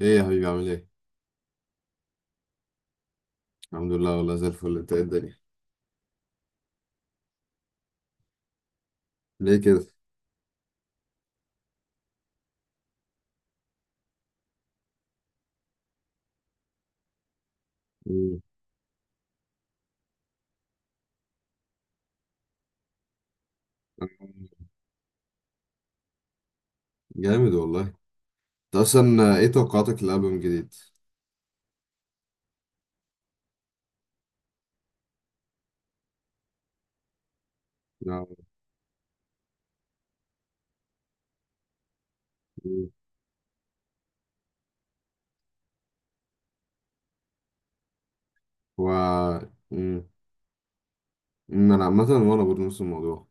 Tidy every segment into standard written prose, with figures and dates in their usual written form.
ايه يا حبيبي عامل ايه؟ الحمد لله، والله زي الفل. انت ايه الدنيا؟ ليه كده؟ مم. جامد والله انت. اصلا ايه توقعاتك للالبوم الجديد؟ لا، مم. و مم. مم، انا عامة وانا برضه نفس الموضوع.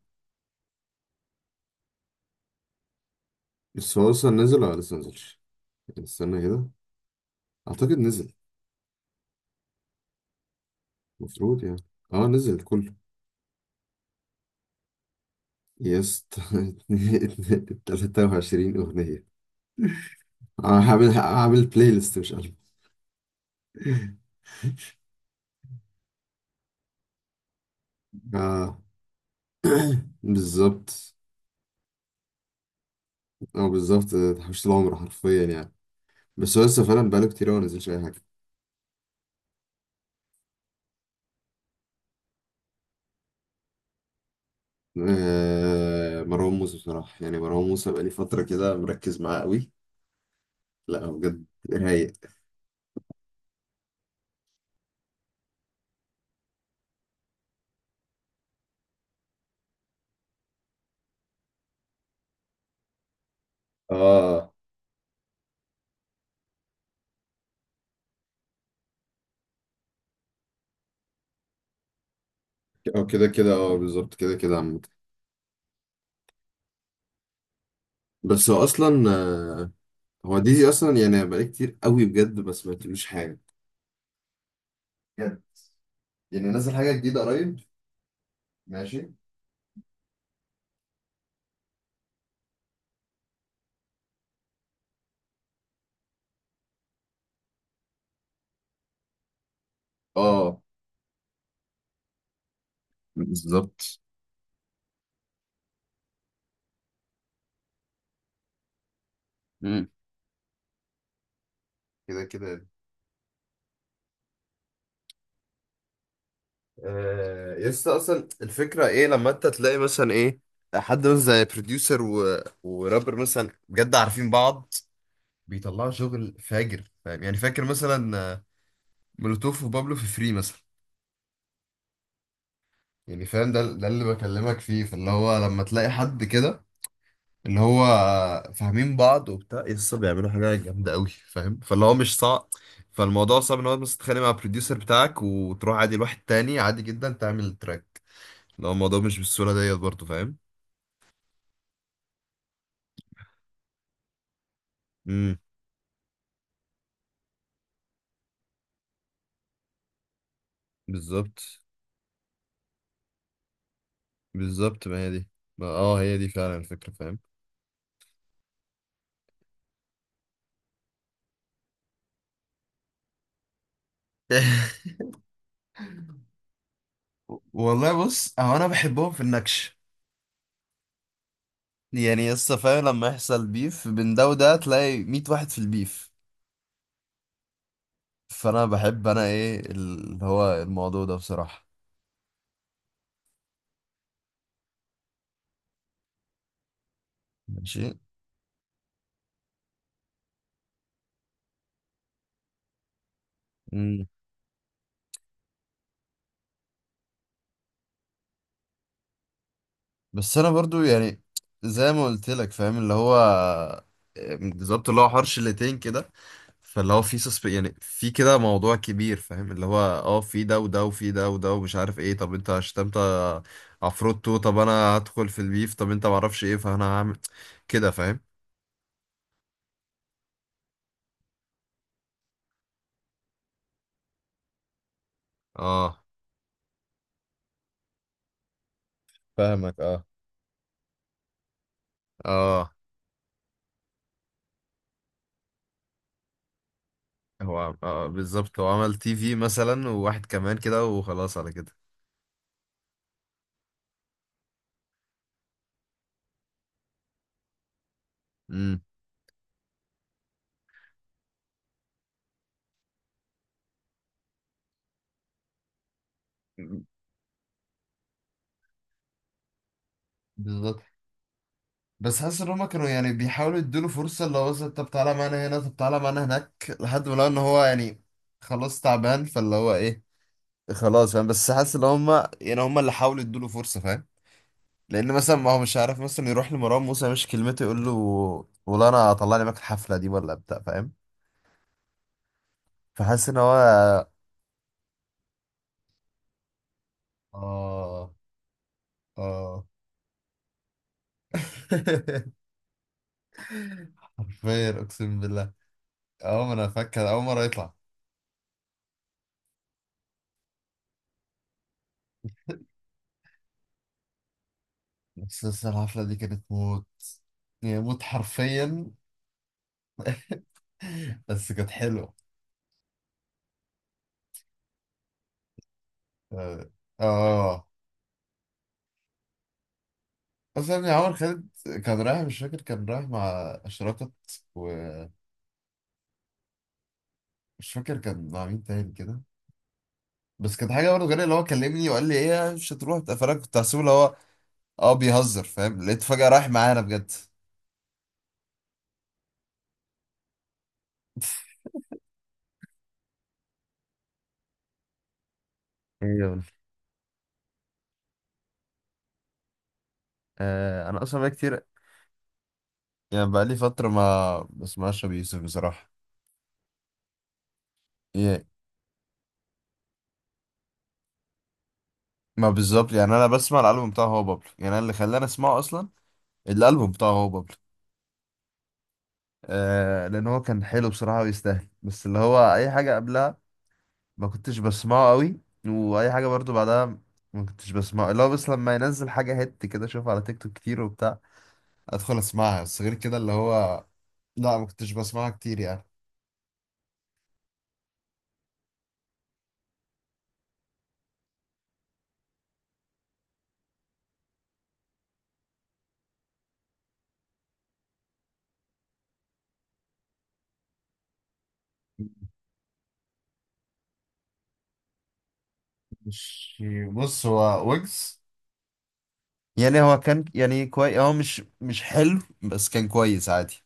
بس هو اصلا نزل ولا لسه نزلش؟ استنى كده، اعتقد نزل، المفروض يعني. اه نزل كله. يس 23 اغنية. آه، هعمل بلاي ليست مش ألبوم. اه. بالظبط. اه بالظبط، تحويشة العمر حرفيا يعني. بس هو لسه فعلا بقاله كتير أوي ما نزلش أي حاجة. آه مروان موسى بصراحة، يعني مروان موسى بقالي فترة كده مركز معاه قوي. لا هو بجد رايق. اه أو كده كده، اه بالظبط كده كده عامة. بس هو أصلا آه، هو ديزي أصلا يعني بقالي كتير قوي بجد ما سمعتلوش حاجة. بجد؟ يعني نزل حاجة جديدة قريب. ماشي. اه بالظبط. مم. كده كده. آه، يس اصلا الفكره ايه، لما انت تلاقي مثلا ايه، حد مثلا زي بروديوسر و... ورابر مثلا بجد عارفين بعض، بيطلعوا شغل فاجر. فاهم يعني؟ فاكر مثلا آه، مولوتوف وبابلو في فري مثلا. يعني فاهم، ده اللي بكلمك فيه. فاللي هو لما تلاقي حد كده اللي هو آه، فاهمين بعض وبتاع، يس بيعملوا حاجه جامده قوي فاهم. فاللي هو مش صعب، فالموضوع صعب ان هو بس تتخانق مع البروديوسر بتاعك وتروح عادي لواحد تاني عادي جدا تعمل التراك. لو الموضوع مش بالسهوله ديت برضه، فاهم. بالظبط. بالظبط ما هي دي، ما اه هي دي فعلا الفكرة فاهم. والله بص، هو انا بحبهم في النكش، يعني لسه فاهم، لما يحصل بيف بين ده وده تلاقي 100 واحد في البيف. فانا بحب انا ايه اللي هو الموضوع ده بصراحة. ماشي. بس انا برضو يعني زي ما قلت لك فاهم، اللي هو بالظبط اللي هو حوار شلتين كده. فاللي هو في سسب يعني، في كده موضوع كبير فاهم، اللي هو اه في ده وده وفي ده وده ومش عارف ايه. طب انت شتمت عفروتو، طب انا هدخل في البيف، طب انت معرفش ايه، فانا هعمل كده فاهم. اه فاهمك. اه اه، هو عم-، آه بالظبط، هو عمل تي في مثلا وواحد كمان كده وخلاص على كده. امم بالظبط. بس حاسس ان هما كانوا يعني بيحاولوا يدوله فرصه، اللي هو مثلا طب تعالى معانا هنا، طب تعالى معانا هناك، لحد ما لقوا ان هو يعني خلاص تعبان. فاللي هو ايه، خلاص فاهم، بس حاسس ان هما يعني، هما اللي حاولوا يدوله فرصه فاهم. لان مثلا ما هو مش عارف مثلا يروح لمروان موسى مش كلمته يقول له والله انا طلعني معاك الحفله دي ولا بتاع فاهم. فحاسس ان هو اه اه. حرفيا اقسم بالله، اول ما انا فاكر اول مره يطلع. بس الحفله دي كانت موت، يعني موت حرفيا. بس كانت حلوة. اه آه. بس يعني عمر خالد كان رايح، مش فاكر كان رايح مع أشرقت، ومش فاكر كان مع مين تاني كده. بس كانت حاجة برضه غريبة، اللي هو كلمني وقال لي ايه مش هتروح، فانا كنت هحسبه اللي هو اه بيهزر فاهم، لقيت فجأة رايح معانا بجد. ايوه. آه انا اصلا بقى كتير، يعني بقى لي فترة ما بسمعش ابي يوسف بصراحة. ايه ما بالظبط، يعني انا بسمع الالبوم بتاعه هو بابلو، يعني أنا اللي خلاني اسمعه اصلا الالبوم بتاعه هو بابلو. آه لان هو كان حلو بصراحه ويستاهل، بس اللي هو اي حاجه قبلها ما كنتش بسمعه قوي، واي حاجه برضو بعدها ما كنتش بسمعه. اللي هو بس لما ينزل حاجه هيت كده، اشوفها على تيك توك كتير وبتاع، ادخل اسمعها، بس غير كده اللي هو لا ما كنتش بسمعها كتير يعني. مش بص، هو ويجز يعني، هو كان يعني كويس، هو مش حلو بس كان كويس عادي.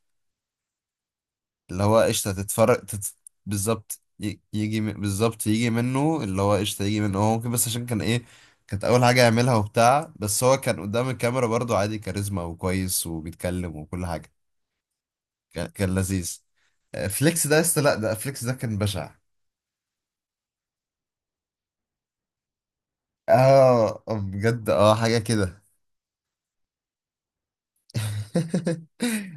اللي هو قشطة تتفرج تت... بالظبط ي- يجي م- بالظبط يجي منه اللي هو قشطة يجي منه هو ممكن، بس عشان كان ايه كانت أول حاجة يعملها وبتاع، بس هو كان قدام الكاميرا برضه عادي كاريزما وكويس وبيتكلم وكل حاجة. كان، كان لذيذ. آه، فليكس ده لسه لأ، ده فليكس ده كان بشع. اه آه، بجد اه، حاجة كده.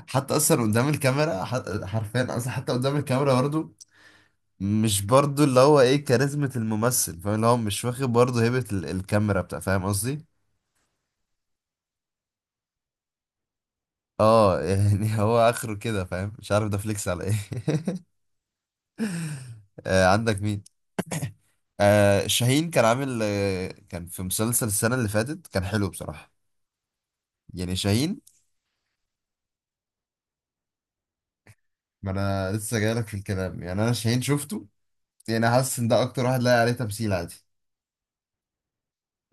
حتى أصلا قدام الكاميرا ح- حرفيا، أصلا حتى قدام الكاميرا برضه مش برضو اللي هو ايه كاريزمة الممثل فاهم، اللي هو مش واخد برضو هيبة ال- الكاميرا بتاع فاهم قصدي. اه يعني هو اخره كده فاهم، مش عارف ده فليكس على ايه. آه عندك مين؟ آه شاهين كان عامل آه، كان في مسلسل السنة اللي فاتت، كان حلو بصراحة، يعني شاهين. ما انا لسه جايلك في الكلام، يعني انا شاهين شفته، يعني حاسس ان ده اكتر واحد لاقي عليه تمثيل عادي.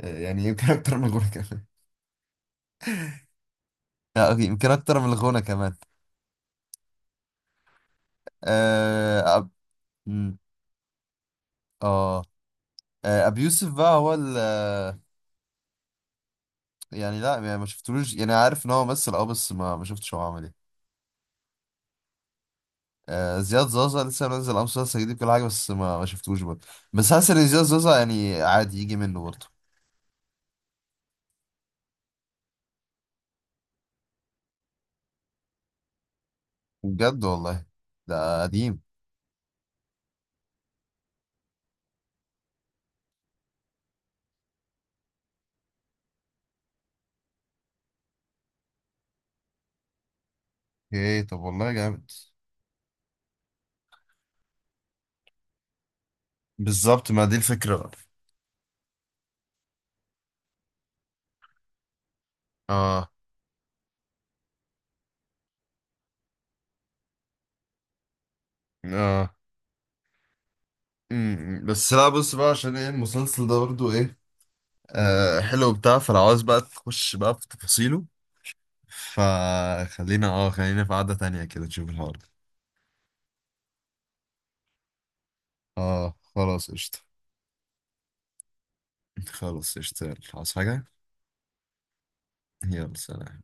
آه يعني يمكن اكتر من الغنى كمان. آه، أوكي، يمكن اكتر من الغنى كمان. اه أب- مم، آه. آه، ابي يوسف بقى هو ال آه، يعني لا يعني ما شفتلوش، يعني عارف ان هو ممثل اه، بس ما شفتش هو عامل ايه. آه، زياد زازا لسه منزل امس مسلسل جديد كل حاجه، بس ما شفتوش برضه. بس حاسس ان زياد زازا يعني عادي يجي منه برضه. بجد؟ والله؟ ده قديم. ايه طب، والله جامد. بالظبط ما دي الفكره بقى. اه اه. أمم، بس لا بص بقى، عشان ايه المسلسل ده برضه ايه آه حلو بتاع، فلو عاوز بقى تخش بقى في تفاصيله، فخلينا اه خلينا في قعدة تانية كده تشوف الحوار. اه خلاص قشطة. خلاص قشطة، يلا، عايز حاجة؟ يلا سلام.